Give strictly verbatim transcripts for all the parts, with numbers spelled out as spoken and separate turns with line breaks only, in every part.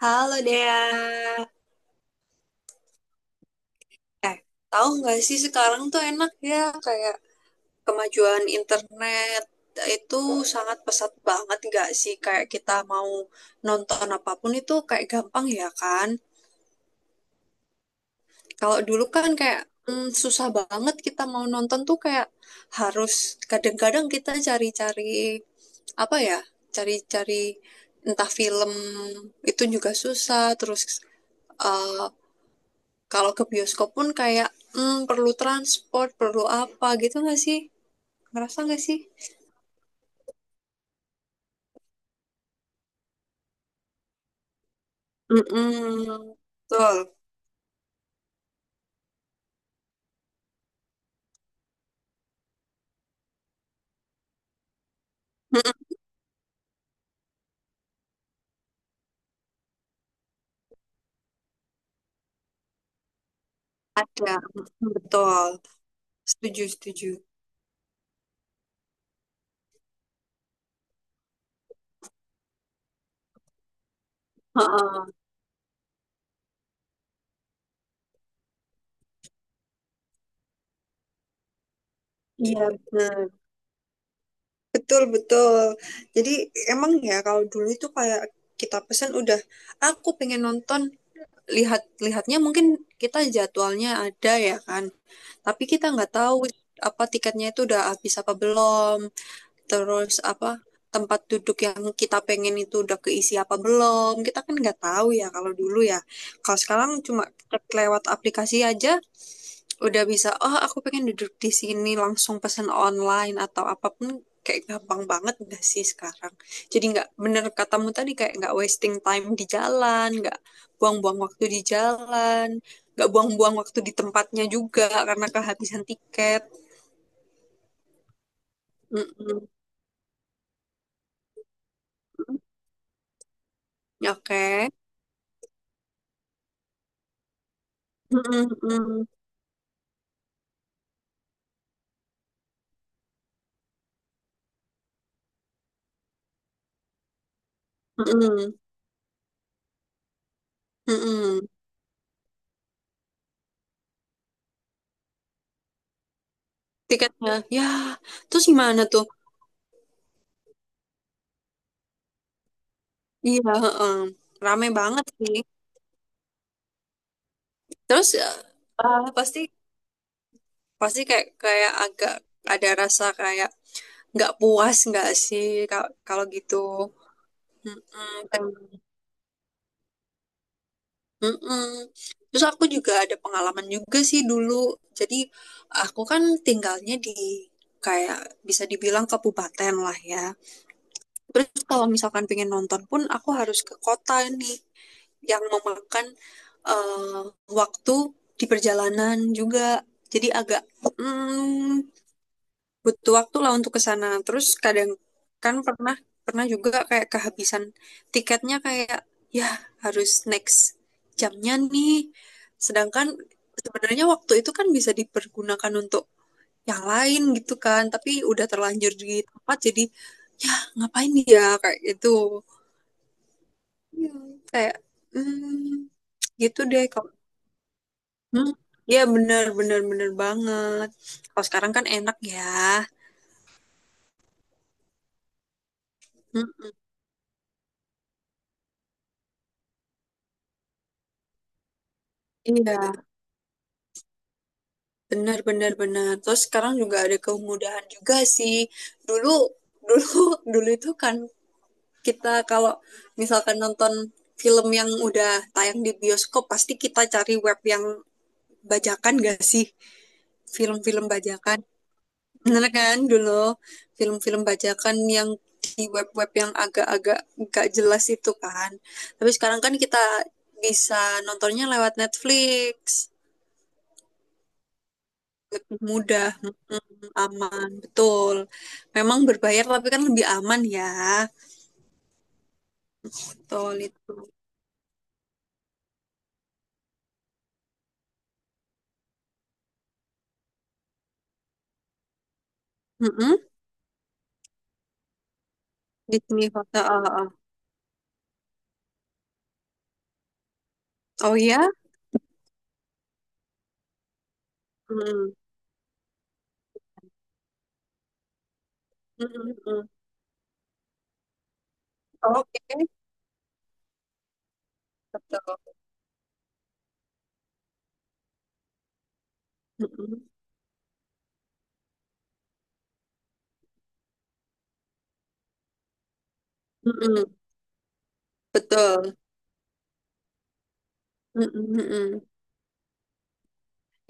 Halo Dea. Eh, Tahu nggak sih sekarang tuh enak ya, kayak kemajuan internet itu sangat pesat banget nggak sih, kayak kita mau nonton apapun itu kayak gampang ya kan. Kalau dulu kan kayak mm, susah banget kita mau nonton tuh kayak harus, kadang-kadang kita cari-cari, apa ya, cari-cari entah film itu juga susah. Terus eh, kalau ke bioskop pun kayak hmm, perlu transport, perlu apa gitu nggak sih? Ngerasa nggak sih? Mm-mm, betul. Mm-mm, ada. Mm, betul. Setuju, setuju. Heeh. Iya, benar. Betul, betul. Jadi emang ya kalau dulu itu kayak kita pesan udah, aku pengen nonton, lihat, lihatnya mungkin kita jadwalnya ada ya kan. Tapi kita nggak tahu apa tiketnya itu udah habis apa belum. Terus apa, tempat duduk yang kita pengen itu udah keisi apa belum, kita kan nggak tahu ya kalau dulu ya. Kalau sekarang cuma lewat aplikasi aja udah bisa, oh aku pengen duduk di sini, langsung pesan online atau apapun, kayak gampang banget nggak sih sekarang. Jadi nggak, bener katamu tadi kayak nggak wasting time di jalan, nggak buang-buang waktu di jalan, nggak buang-buang waktu di tempatnya juga karena kehabisan tiket. Mm-mm. Oke. Mm-mm-mm. Mm-mm, mm-mm. Tiketnya, ya. Ya. Terus gimana tuh? Iya, heeh. Rame banget sih. Terus ya, ah, pasti, pasti kayak, kayak agak ada rasa kayak nggak puas nggak sih ka- kalau gitu. Mm, kan. Mm-mm. Terus aku juga ada pengalaman juga sih dulu. Jadi aku kan tinggalnya di kayak bisa dibilang kabupaten lah ya. Terus kalau misalkan pengen nonton pun aku harus ke kota nih, yang memakan eh, waktu di perjalanan juga. Jadi agak mm, butuh waktu lah untuk ke sana. Terus kadang kan pernah pernah juga kayak kehabisan tiketnya, kayak ya harus next jamnya nih. Sedangkan sebenarnya waktu itu kan bisa dipergunakan untuk yang lain gitu kan, tapi udah terlanjur di tempat, jadi ya ngapain ya kayak gitu. Iya. Kayak mm, gitu deh. Hmm, iya bener bener bener banget. Kalau sekarang kan enak ya. Hmm, iya benar benar benar. Terus sekarang juga ada kemudahan juga sih. Dulu dulu dulu itu kan kita kalau misalkan nonton film yang udah tayang di bioskop, pasti kita cari web yang bajakan gak sih? Film-film bajakan. Bener kan, dulu film-film bajakan yang di web-web yang agak-agak gak jelas itu kan. Tapi sekarang kan kita bisa nontonnya lewat Netflix. Mudah, aman, betul. Memang berbayar tapi kan lebih aman ya. Betul itu. Mm-mm. Disney Hotel. Oh, oh. Oh ya? Mm-mm. Mm-mm, mm-mm. Oke, betul. Mm-mm. Mm-mm. Betul. Mm-mm, mm-mm.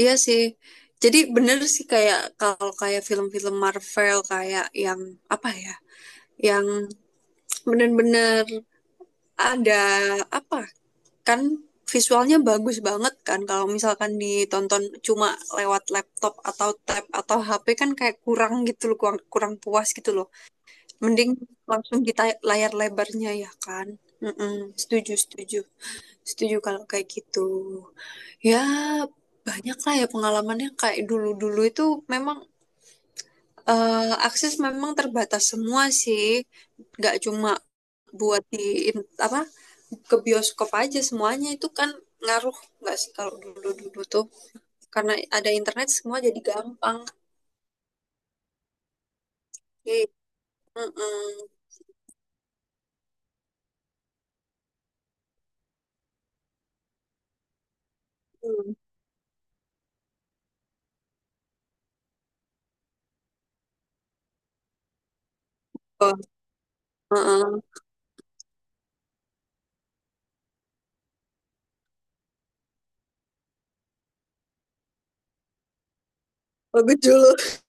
Iya sih. Jadi bener sih kayak kalau kayak film-film Marvel kayak yang apa ya? Yang bener-bener ada apa? Kan visualnya bagus banget kan kalau misalkan ditonton cuma lewat laptop atau tab atau H P, kan kayak kurang gitu loh, kurang, kurang puas gitu loh. Mending langsung kita layar lebarnya ya kan? Mm-mm. Setuju, setuju. Setuju kalau kayak gitu. Ya, banyak lah ya pengalamannya kayak dulu-dulu itu memang. Eh, akses memang terbatas semua sih, nggak cuma buat di in- apa, ke bioskop aja, semuanya itu kan ngaruh nggak sih kalau dulu-dulu tuh karena ada internet semua jadi gampang. Oke. Mm-mm. Hmm. Oh, uh-uh. Bagus dulu.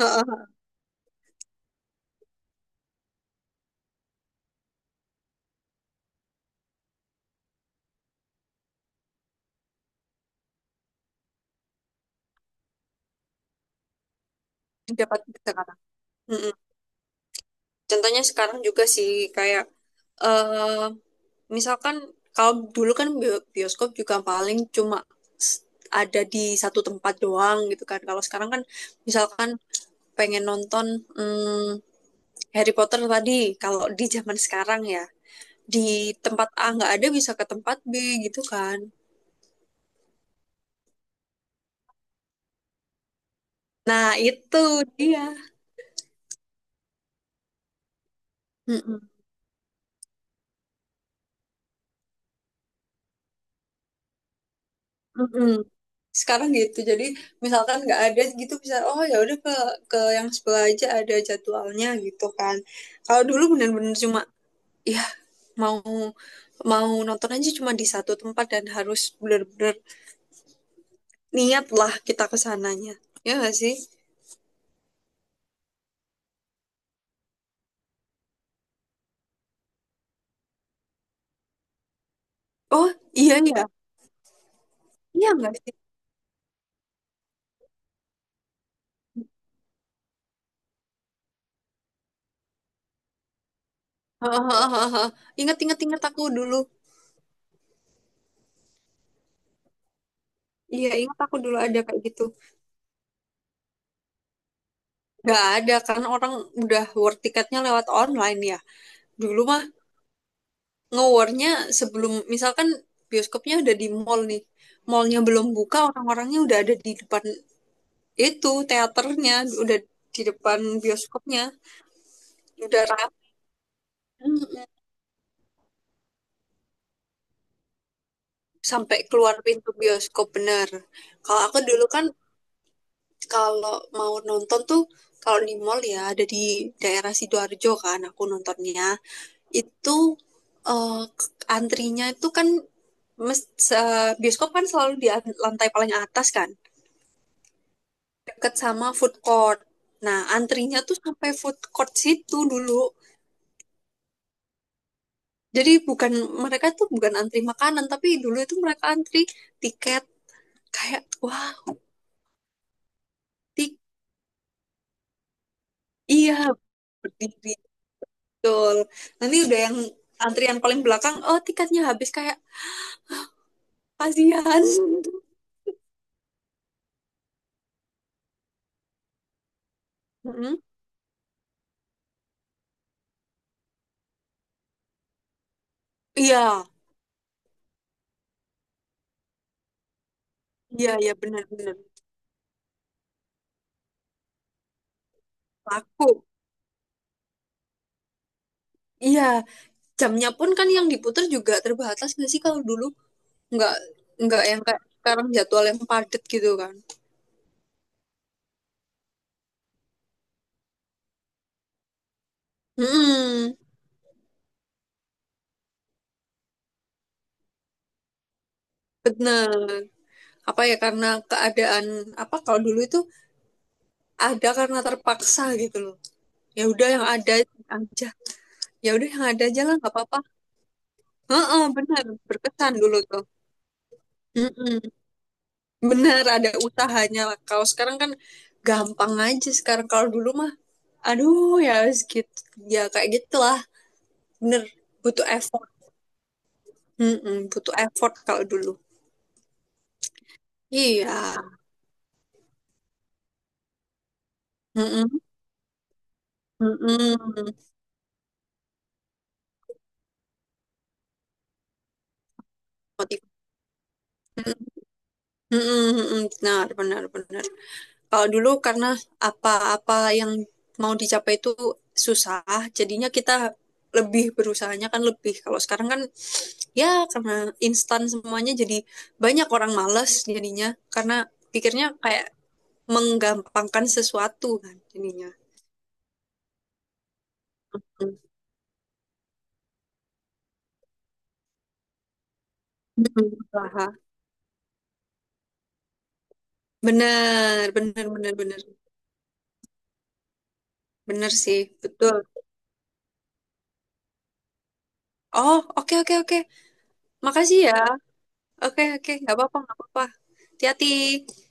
Uh-uh. Dapat sekarang. Contohnya sekarang juga sih kayak eh misalkan kalau dulu kan bio- bioskop juga paling cuma s- ada di satu tempat doang gitu kan. Kalau sekarang kan misalkan pengen nonton mm, Harry Potter tadi kalau di zaman sekarang ya, di tempat A nggak ada bisa ke tempat B gitu kan. Nah, itu dia. Mm-mm. Mm-mm. Sekarang gitu. Jadi misalkan nggak ada gitu bisa, oh ya udah ke ke yang sebelah aja ada jadwalnya gitu kan. Kalau dulu bener-bener cuma ya mau mau nonton aja cuma di satu tempat dan harus bener-bener niat lah kita ke sananya. Ya nggak sih? Oh, iya iya. Iya nggak sih? Hahaha. Ingat ingat ingat aku dulu. Iya, ingat aku dulu ada kayak gitu. Nggak ada kan, orang udah work tiketnya lewat online ya. Dulu mah, nge-warnya sebelum misalkan bioskopnya udah di mall nih. Mallnya belum buka, orang-orangnya udah ada di depan itu teaternya, udah di depan bioskopnya, udah rame. Sampai keluar pintu bioskop bener. Kalau aku dulu kan kalau mau nonton tuh, kalau di mall ya ada di daerah Sidoarjo kan aku nontonnya. Itu eh, antrinya itu kan mes- se- bioskop kan selalu di lantai paling atas kan, deket sama food court. Nah, antrinya tuh sampai food court situ dulu. Jadi bukan, mereka tuh bukan antri makanan, tapi dulu itu mereka antri tiket, kayak wah, tik, iya, berdiri, betul. Nanti udah yang antrian paling belakang, oh tiketnya habis, kayak kasihan. Mm-mm. Iya, iya, iya benar-benar laku. Iya, jamnya pun kan yang diputar juga terbatas nggak sih kalau dulu, nggak nggak yang kayak sekarang jadwal yang padat gitu kan. Mm-mm. Bener. Apa ya, karena keadaan apa kalau dulu itu ada karena terpaksa gitu loh. Ya udah yang ada aja. Ya udah yang ada aja lah nggak apa-apa. Heeh, benar. Berkesan dulu tuh. Mm-mm. Bener ada usahanya. Kalau sekarang kan gampang aja sekarang, kalau dulu mah aduh ya gitu ya kayak gitulah. Bener, butuh effort. Mm-mm, butuh effort kalau dulu. Iya. Mm-mm. Mm-mm. Motiv- Mm-mm, mm-mm. Benar, benar, benar. Kalau dulu karena apa-apa yang mau dicapai itu susah, jadinya kita lebih berusahanya kan lebih. Kalau sekarang kan ya karena instan semuanya jadi banyak orang malas jadinya, karena pikirnya kayak menggampangkan sesuatu kan jadinya. Hmm. Hmm, usaha. Bener, bener, bener, bener. Bener sih, betul. Oh, oke, oke, oke. Makasih ya. Oke, oke, nggak apa-apa, nggak apa-apa. Hati-hati.